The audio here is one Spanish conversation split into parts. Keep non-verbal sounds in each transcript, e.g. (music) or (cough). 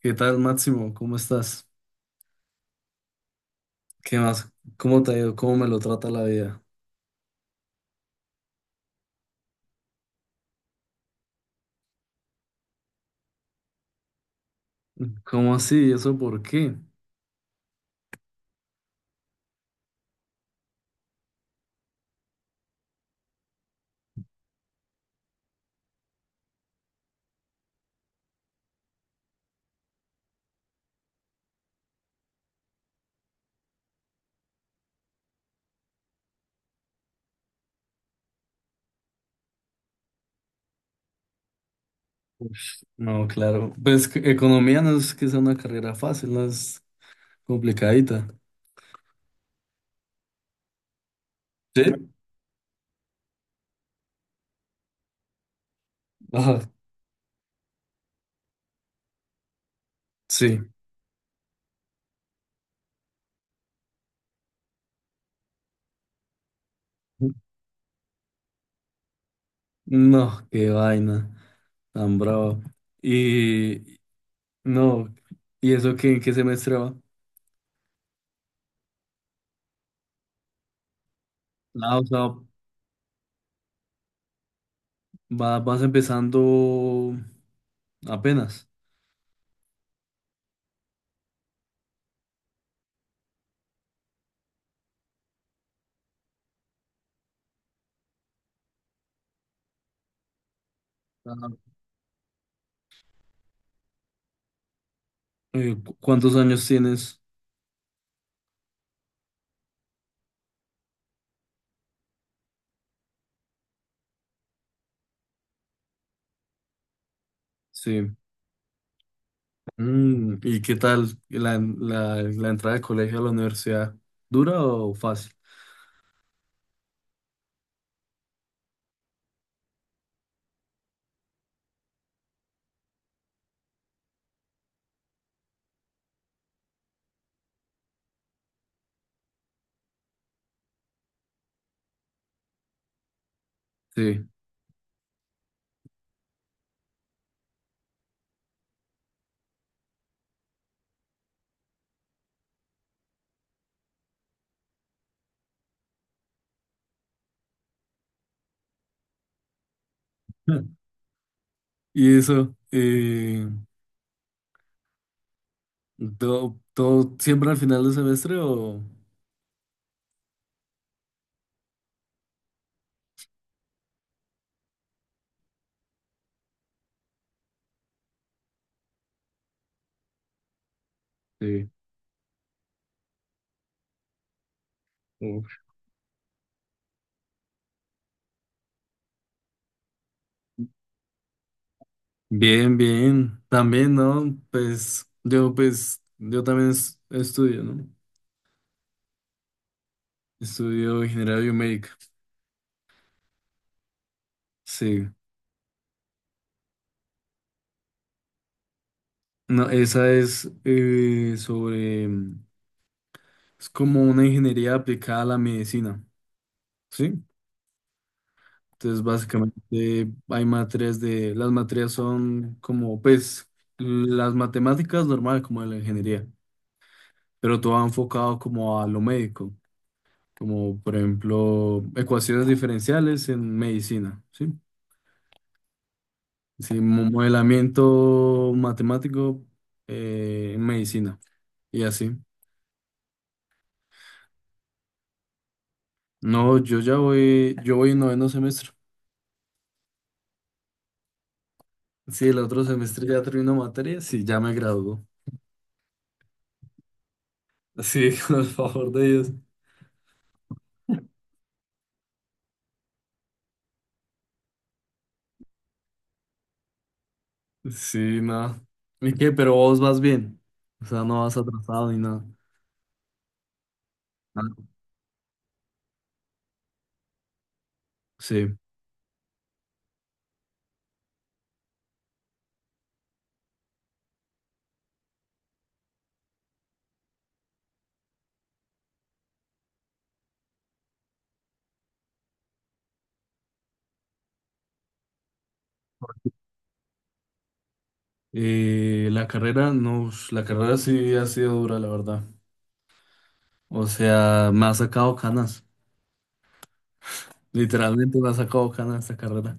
¿Qué tal, Máximo? ¿Cómo estás? ¿Qué más? ¿Cómo te ha ido? ¿Cómo me lo trata la vida? ¿Cómo así? ¿Eso por qué? Ush, no, claro. Pues que economía no es que sea una carrera fácil, no es complicadita. ¿Sí? Ajá, sí. No, qué vaina, tan bravo. Y no, ¿y eso qué, en qué semestre va? Ah, o sea, vas empezando apenas. Ah, ¿cuántos años tienes? Sí. Mm, ¿y qué tal la entrada de colegio a la universidad? ¿Dura o fácil? Sí. (laughs) ¿Y eso? ¿Todo, todo siempre al final del semestre o...? Sí. Uf. Bien, bien. También, ¿no? Pues, yo también estudio, ¿no? Estudio ingeniería biomédica. Sí. No, esa es sobre... Es como una ingeniería aplicada a la medicina. ¿Sí? Entonces, básicamente hay materias de, las materias son como, pues, las matemáticas normal, como de la ingeniería, pero todo enfocado como a lo médico, como por ejemplo ecuaciones diferenciales en medicina, ¿sí? Sí, modelamiento matemático en medicina y así. No, yo ya voy, yo voy en noveno semestre. Sí, el otro semestre ya termino materias y ya me gradúo. Sí, (laughs) con el favor de Dios. Sí, nada. ¿Y qué? Pero vos vas bien. O sea, no vas atrasado ni nada. Ah, sí. La carrera, no, ush, la carrera sí ha sido dura, la verdad. O sea, me ha sacado canas. Literalmente me ha sacado canas esta carrera.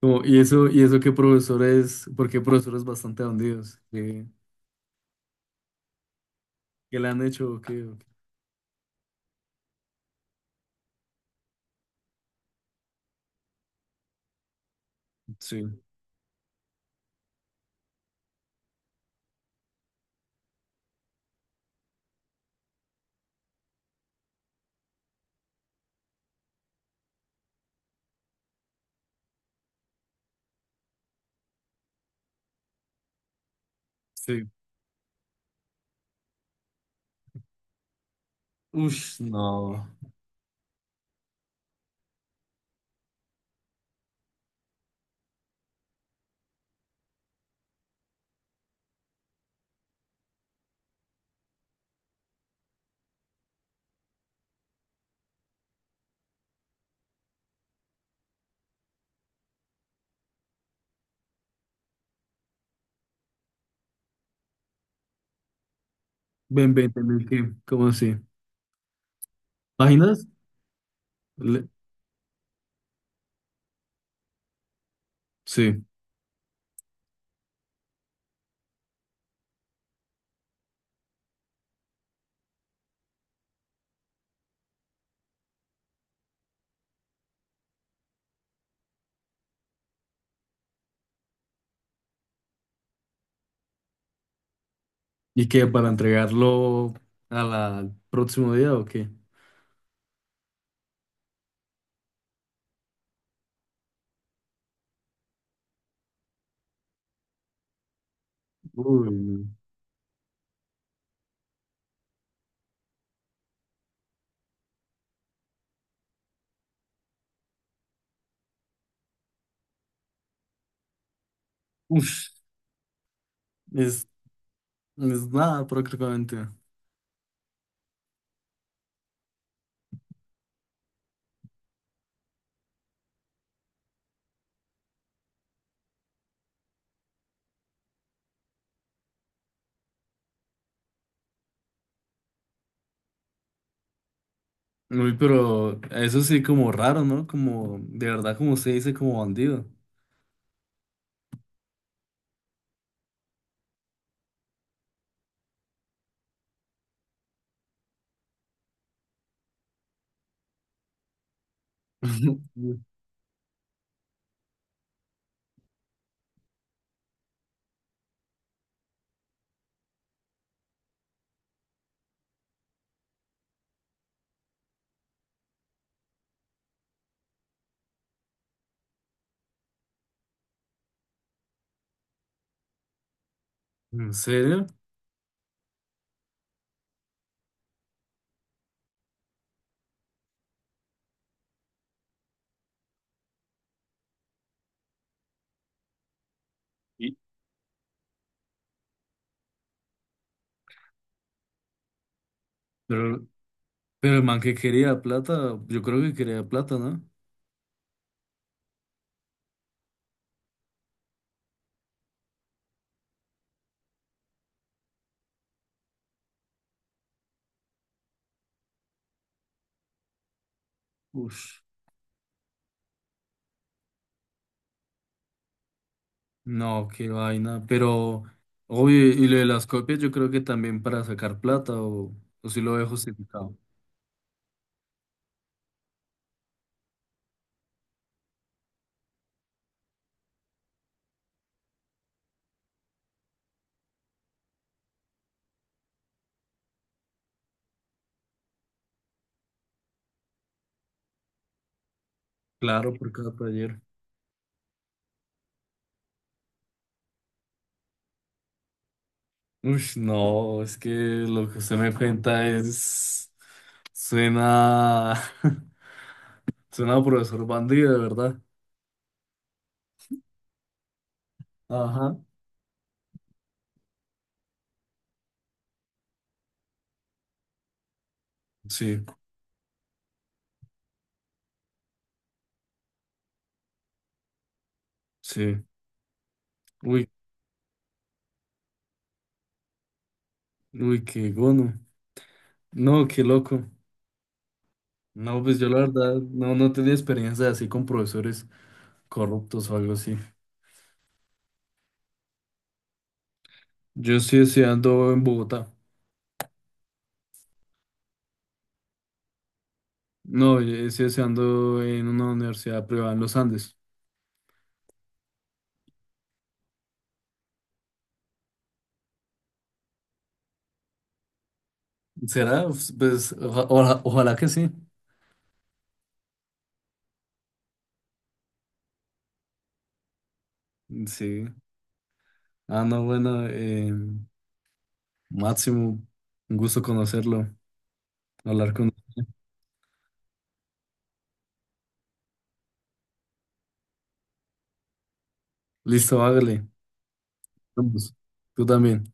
Como, y eso que profesores, porque profesores bastante bandidos, que le han hecho, ¿o qué? ¿O qué? Sí, sí. Ush, no. Ven, ven, ven, ¿qué? ¿Cómo así? ¿Páginas? Le- sí. ¿Y qué, para entregarlo al próximo día o qué? Uy, no. Ush, es, es nada prácticamente. Uy, pero eso sí como raro, ¿no? Como, de verdad, como se dice, como bandido. (laughs) ¿En serio? Y- Pero, pero el man que quería plata, yo creo que quería plata, ¿no? Ush, no, qué vaina. Pero, obvio, y lo de las copias, yo creo que también para sacar plata o si lo dejo justificado. Claro, por cada taller. Uy, no, es que lo que usted me cuenta es... Suena... (laughs) Suena a profesor bandido, de verdad. Ajá. Sí, sí. Uy, uy, qué gono. No, qué loco. No, pues yo la verdad no, no tenía experiencia así con profesores corruptos o algo así. Yo estoy estudiando en Bogotá. No, yo estoy estudiando en una universidad privada, en los Andes. ¿Será? Pues ojalá que sí. Sí. Ah, no, bueno, Máximo, un gusto conocerlo, hablar con... Listo, hágale. Vamos, tú también.